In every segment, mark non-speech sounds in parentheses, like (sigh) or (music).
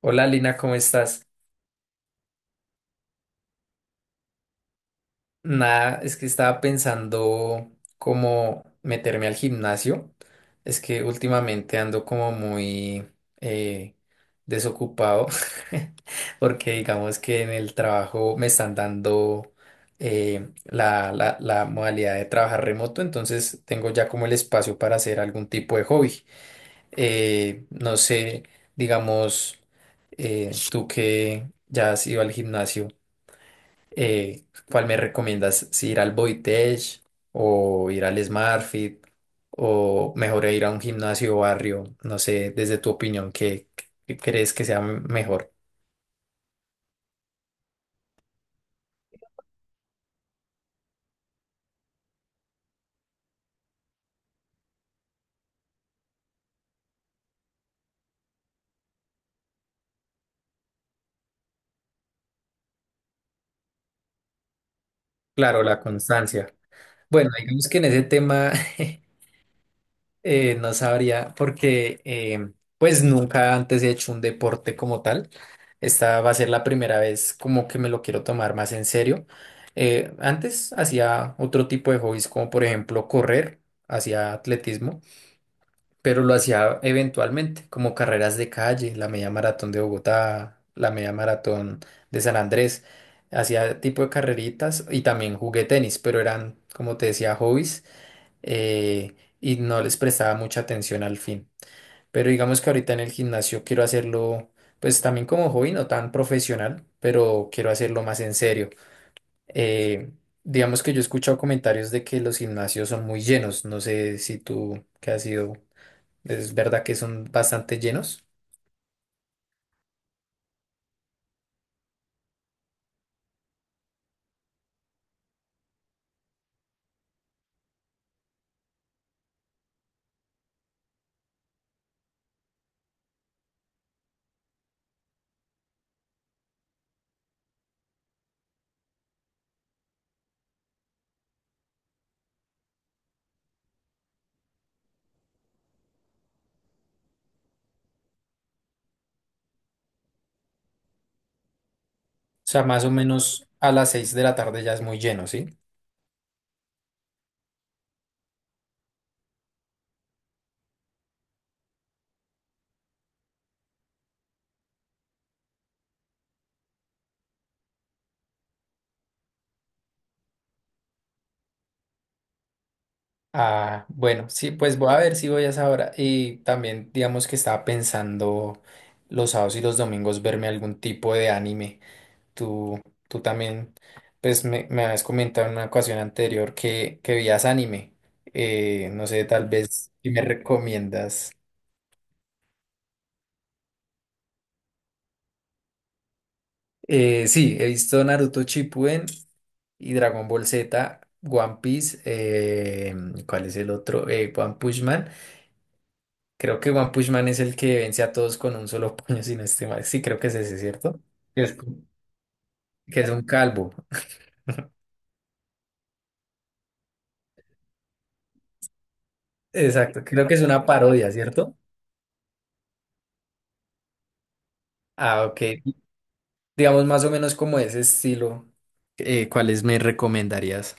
Hola Lina, ¿cómo estás? Nada, es que estaba pensando cómo meterme al gimnasio. Es que últimamente ando como muy eh, desocupado (laughs) porque digamos que en el trabajo me están dando la modalidad de trabajar remoto, entonces tengo ya como el espacio para hacer algún tipo de hobby. No sé, digamos, tú que ya has ido al gimnasio. Eh, ¿Cuál me recomiendas? ¿Si ¿ir al Boitech o ir al SmartFit o mejor ir a un gimnasio barrio? No sé, desde tu opinión, ¿qué crees que sea mejor? Claro, la constancia. Bueno, digamos que en ese tema. (laughs) No sabría, porque pues nunca antes he hecho un deporte como tal. Esta va a ser la primera vez como que me lo quiero tomar más en serio. Antes hacía otro tipo de hobbies, como por ejemplo correr, hacía atletismo, pero lo hacía eventualmente, como carreras de calle, la media maratón de Bogotá, la media maratón de San Andrés. Hacía tipo de carreritas y también jugué tenis, pero eran, como te decía, hobbies, y no les prestaba mucha atención al fin. Pero digamos que ahorita en el gimnasio quiero hacerlo, pues también como hobby, no tan profesional, pero quiero hacerlo más en serio. Eh, digamos que yo he escuchado comentarios de que los gimnasios son muy llenos, no sé si tú, que has ido, es verdad que son bastante llenos. O sea, más o menos a las 6 de la tarde ya es muy lleno, ¿sí? Ah, bueno, sí, pues voy a ver si voy a esa hora. Y también, digamos que estaba pensando los sábados y los domingos verme algún tipo de anime. Tú, tú también, pues me habías comentado en una ocasión anterior que veías anime. No sé, tal vez si me recomiendas. Sí, he visto Naruto Shippuden y Dragon Ball Z, One Piece, ¿cuál es el otro? One Punch Man. Creo que One Punch Man es el que vence a todos con un solo (laughs) puño, sin no estoy mal. Sí, creo que es ese, ¿cierto? Que es, que es un calvo. Exacto, creo que es una parodia, ¿cierto? Ah, ok. Digamos más o menos como ese estilo. ¿Cuáles me recomendarías?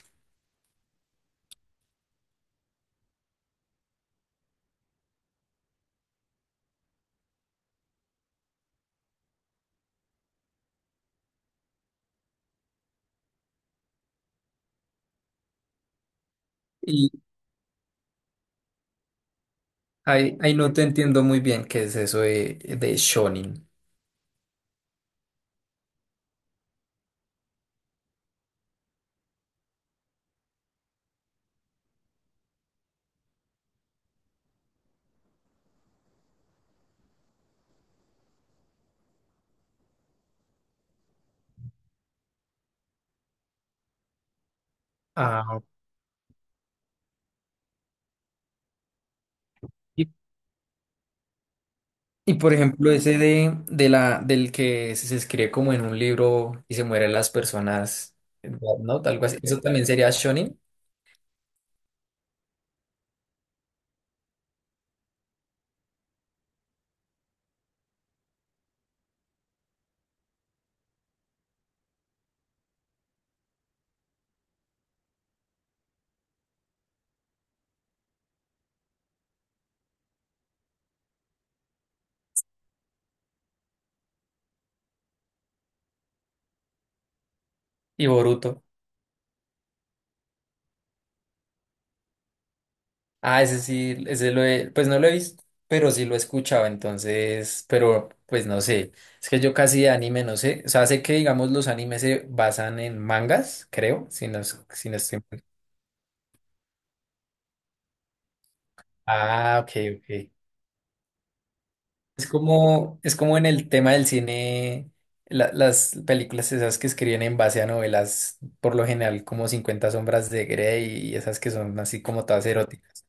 Y ahí no te entiendo muy bien qué es eso de shonen. Ah, ok. Y, y por ejemplo, ese de la, del que se escribe como en un libro y se mueren las personas, ¿no? Algo así. ¿Eso también sería shonen y Boruto? Ah, ese sí, ese lo he, pues no lo he visto, pero sí lo he escuchado, entonces, pero pues no sé, es que yo casi de anime no sé, o sea, sé que digamos los animes se basan en mangas, creo, si no, es- si no estoy mal. Ah, ok, ok. Es como en el tema del cine, la- las películas esas que escriben en base a novelas, por lo general como 50 sombras de Grey y esas que son así como todas eróticas.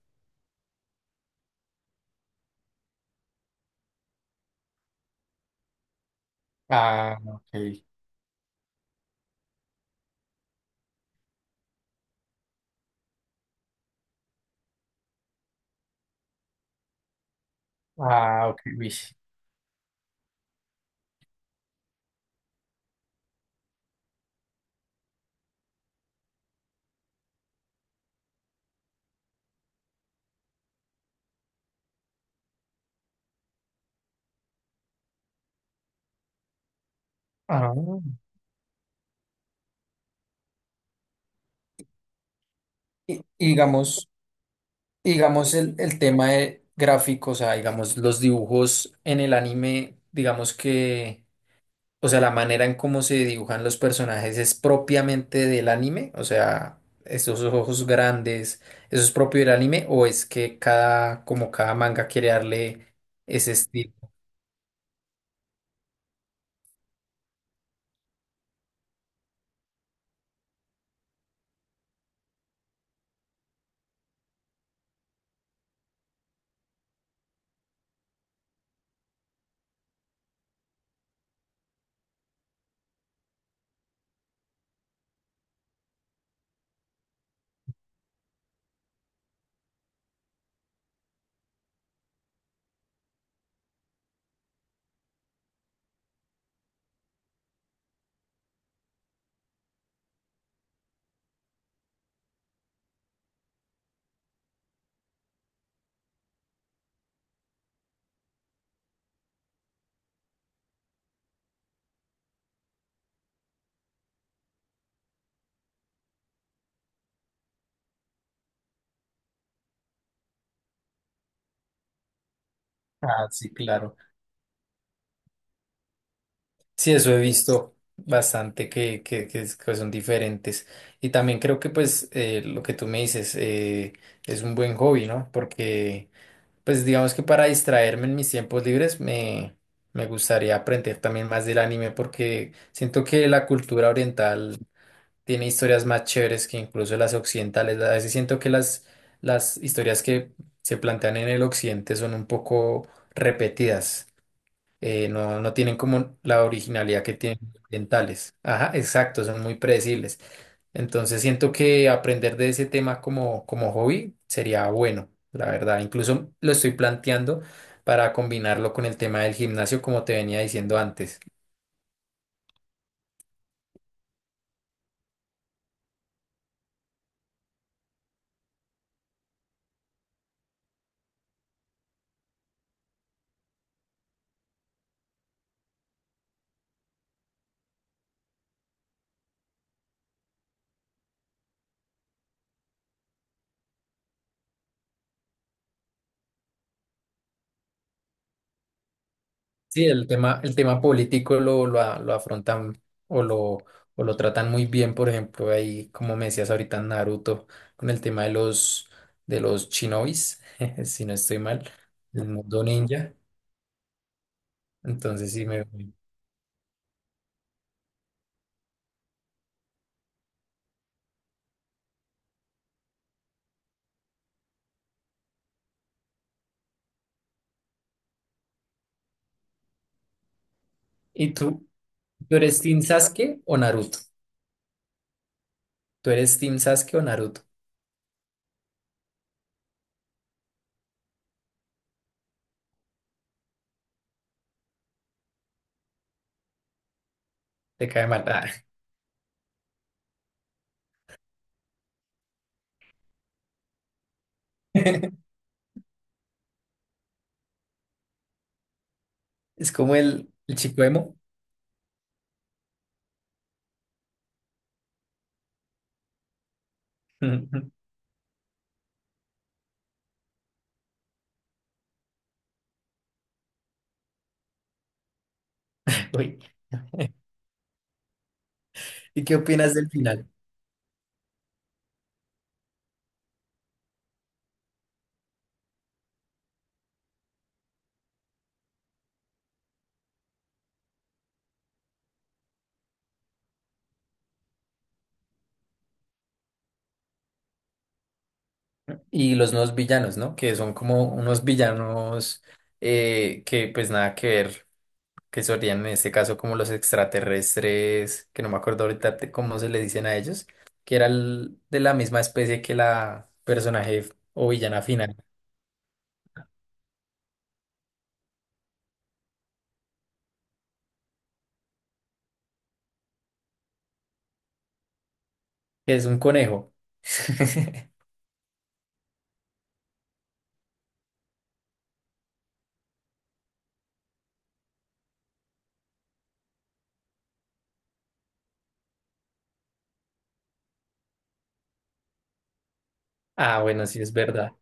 Ah, ok. Ah, ok, uy. Ah. Y digamos, y digamos el tema de gráficos, o sea, digamos los dibujos en el anime, digamos que, o sea, la manera en cómo se dibujan los personajes es propiamente del anime, o sea, esos ojos grandes, ¿eso es propio del anime o es que cada, como cada manga quiere darle ese estilo? Ah, sí, claro. Sí, eso he visto bastante que es- que son diferentes. Y también creo que pues lo que tú me dices, es un buen hobby, ¿no? Porque pues digamos que para distraerme en mis tiempos libres me gustaría aprender también más del anime porque siento que la cultura oriental tiene historias más chéveres que incluso las occidentales. A veces siento que las historias que se plantean en el occidente son un poco repetidas, no tienen como la originalidad que tienen los orientales. Ajá, exacto, son muy predecibles. Entonces siento que aprender de ese tema como, como hobby sería bueno, la verdad. Incluso lo estoy planteando para combinarlo con el tema del gimnasio, como te venía diciendo antes. Sí, el tema político lo afrontan o lo, o lo tratan muy bien, por ejemplo, ahí, como me decías ahorita, en Naruto, con el tema de los shinobis, (laughs) si no estoy mal, el mundo ninja. Entonces sí me... ¿Y tú? ¿Tú eres Team Sasuke o Naruto? ¿Tú eres Team Sasuke o Naruto? Te cae mal. Ah. (laughs) Es como el chico emo. (laughs) Uy. (laughs) ¿Y qué opinas del final y los nuevos villanos, ¿no? Que son como unos villanos, que pues nada que ver, que serían en este caso como los extraterrestres, que no me acuerdo ahorita de cómo se le dicen a ellos, que era el- de la misma especie que la personaje o villana final, que es un conejo. (laughs) Ah, bueno, sí es verdad.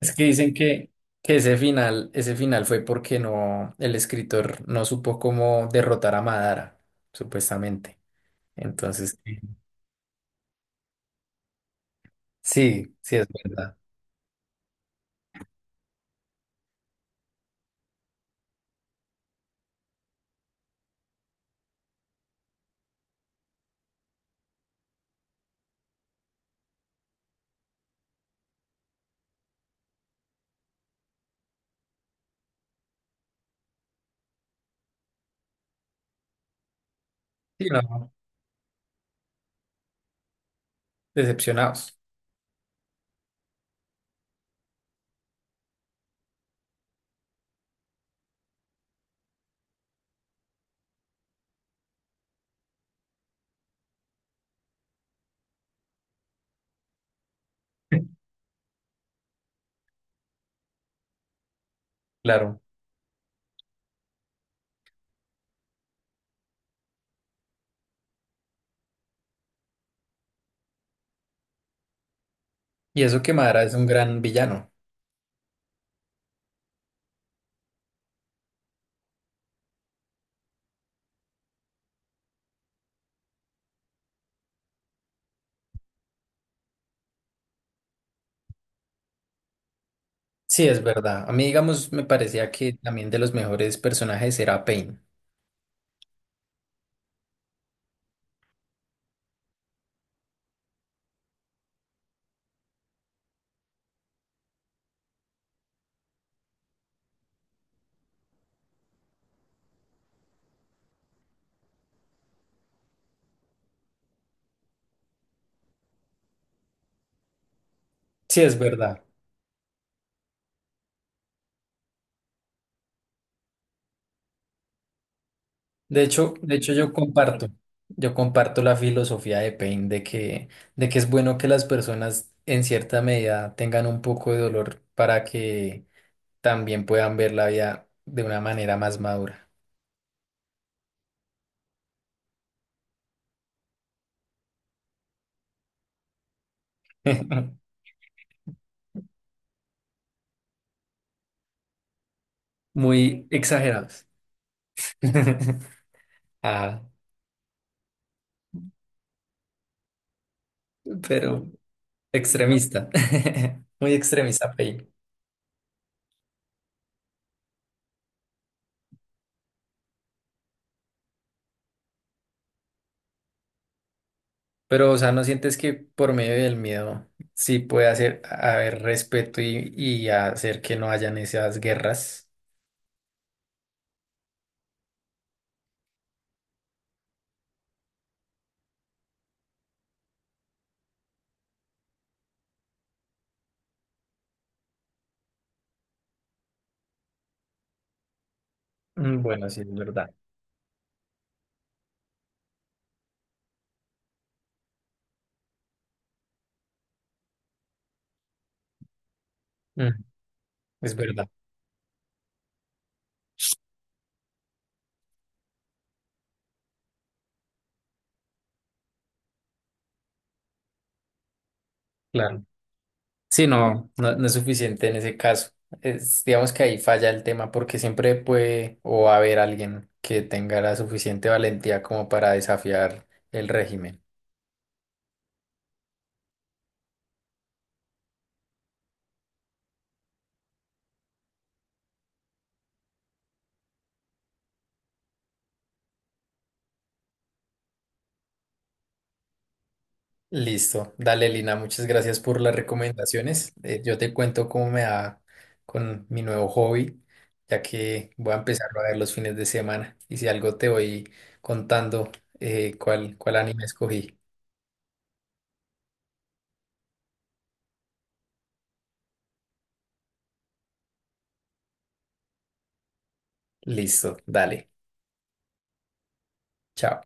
Es que dicen que ese final fue porque no, el escritor no supo cómo derrotar a Madara, supuestamente. Entonces, sí, sí, es verdad. Sí, no, decepcionados. (laughs) Claro. Y eso que Madara es un gran villano. Sí, es verdad. A mí, digamos, me parecía que también de los mejores personajes era Pain. Sí, es verdad. De hecho, yo comparto la filosofía de Pain de de que es bueno que las personas en cierta medida tengan un poco de dolor para que también puedan ver la vida de una manera más madura. (laughs) Muy exagerados. (laughs) Ah. Pero extremista, (laughs) muy extremista, Pei. Pero, o sea, ¿no sientes que por medio del miedo sí puede hacer haber respeto y hacer que no hayan esas guerras? Mm, bueno, sí, es verdad. Mm, es verdad, claro. Sí, no, no, no es suficiente en ese caso. Es, digamos que ahí falla el tema porque siempre puede o va a haber alguien que tenga la suficiente valentía como para desafiar el régimen. Listo. Dale, Lina, muchas gracias por las recomendaciones. Yo te cuento cómo me va con mi nuevo hobby, ya que voy a empezarlo a ver los fines de semana. Y si algo te voy contando, cuál anime escogí. Listo, dale. Chao.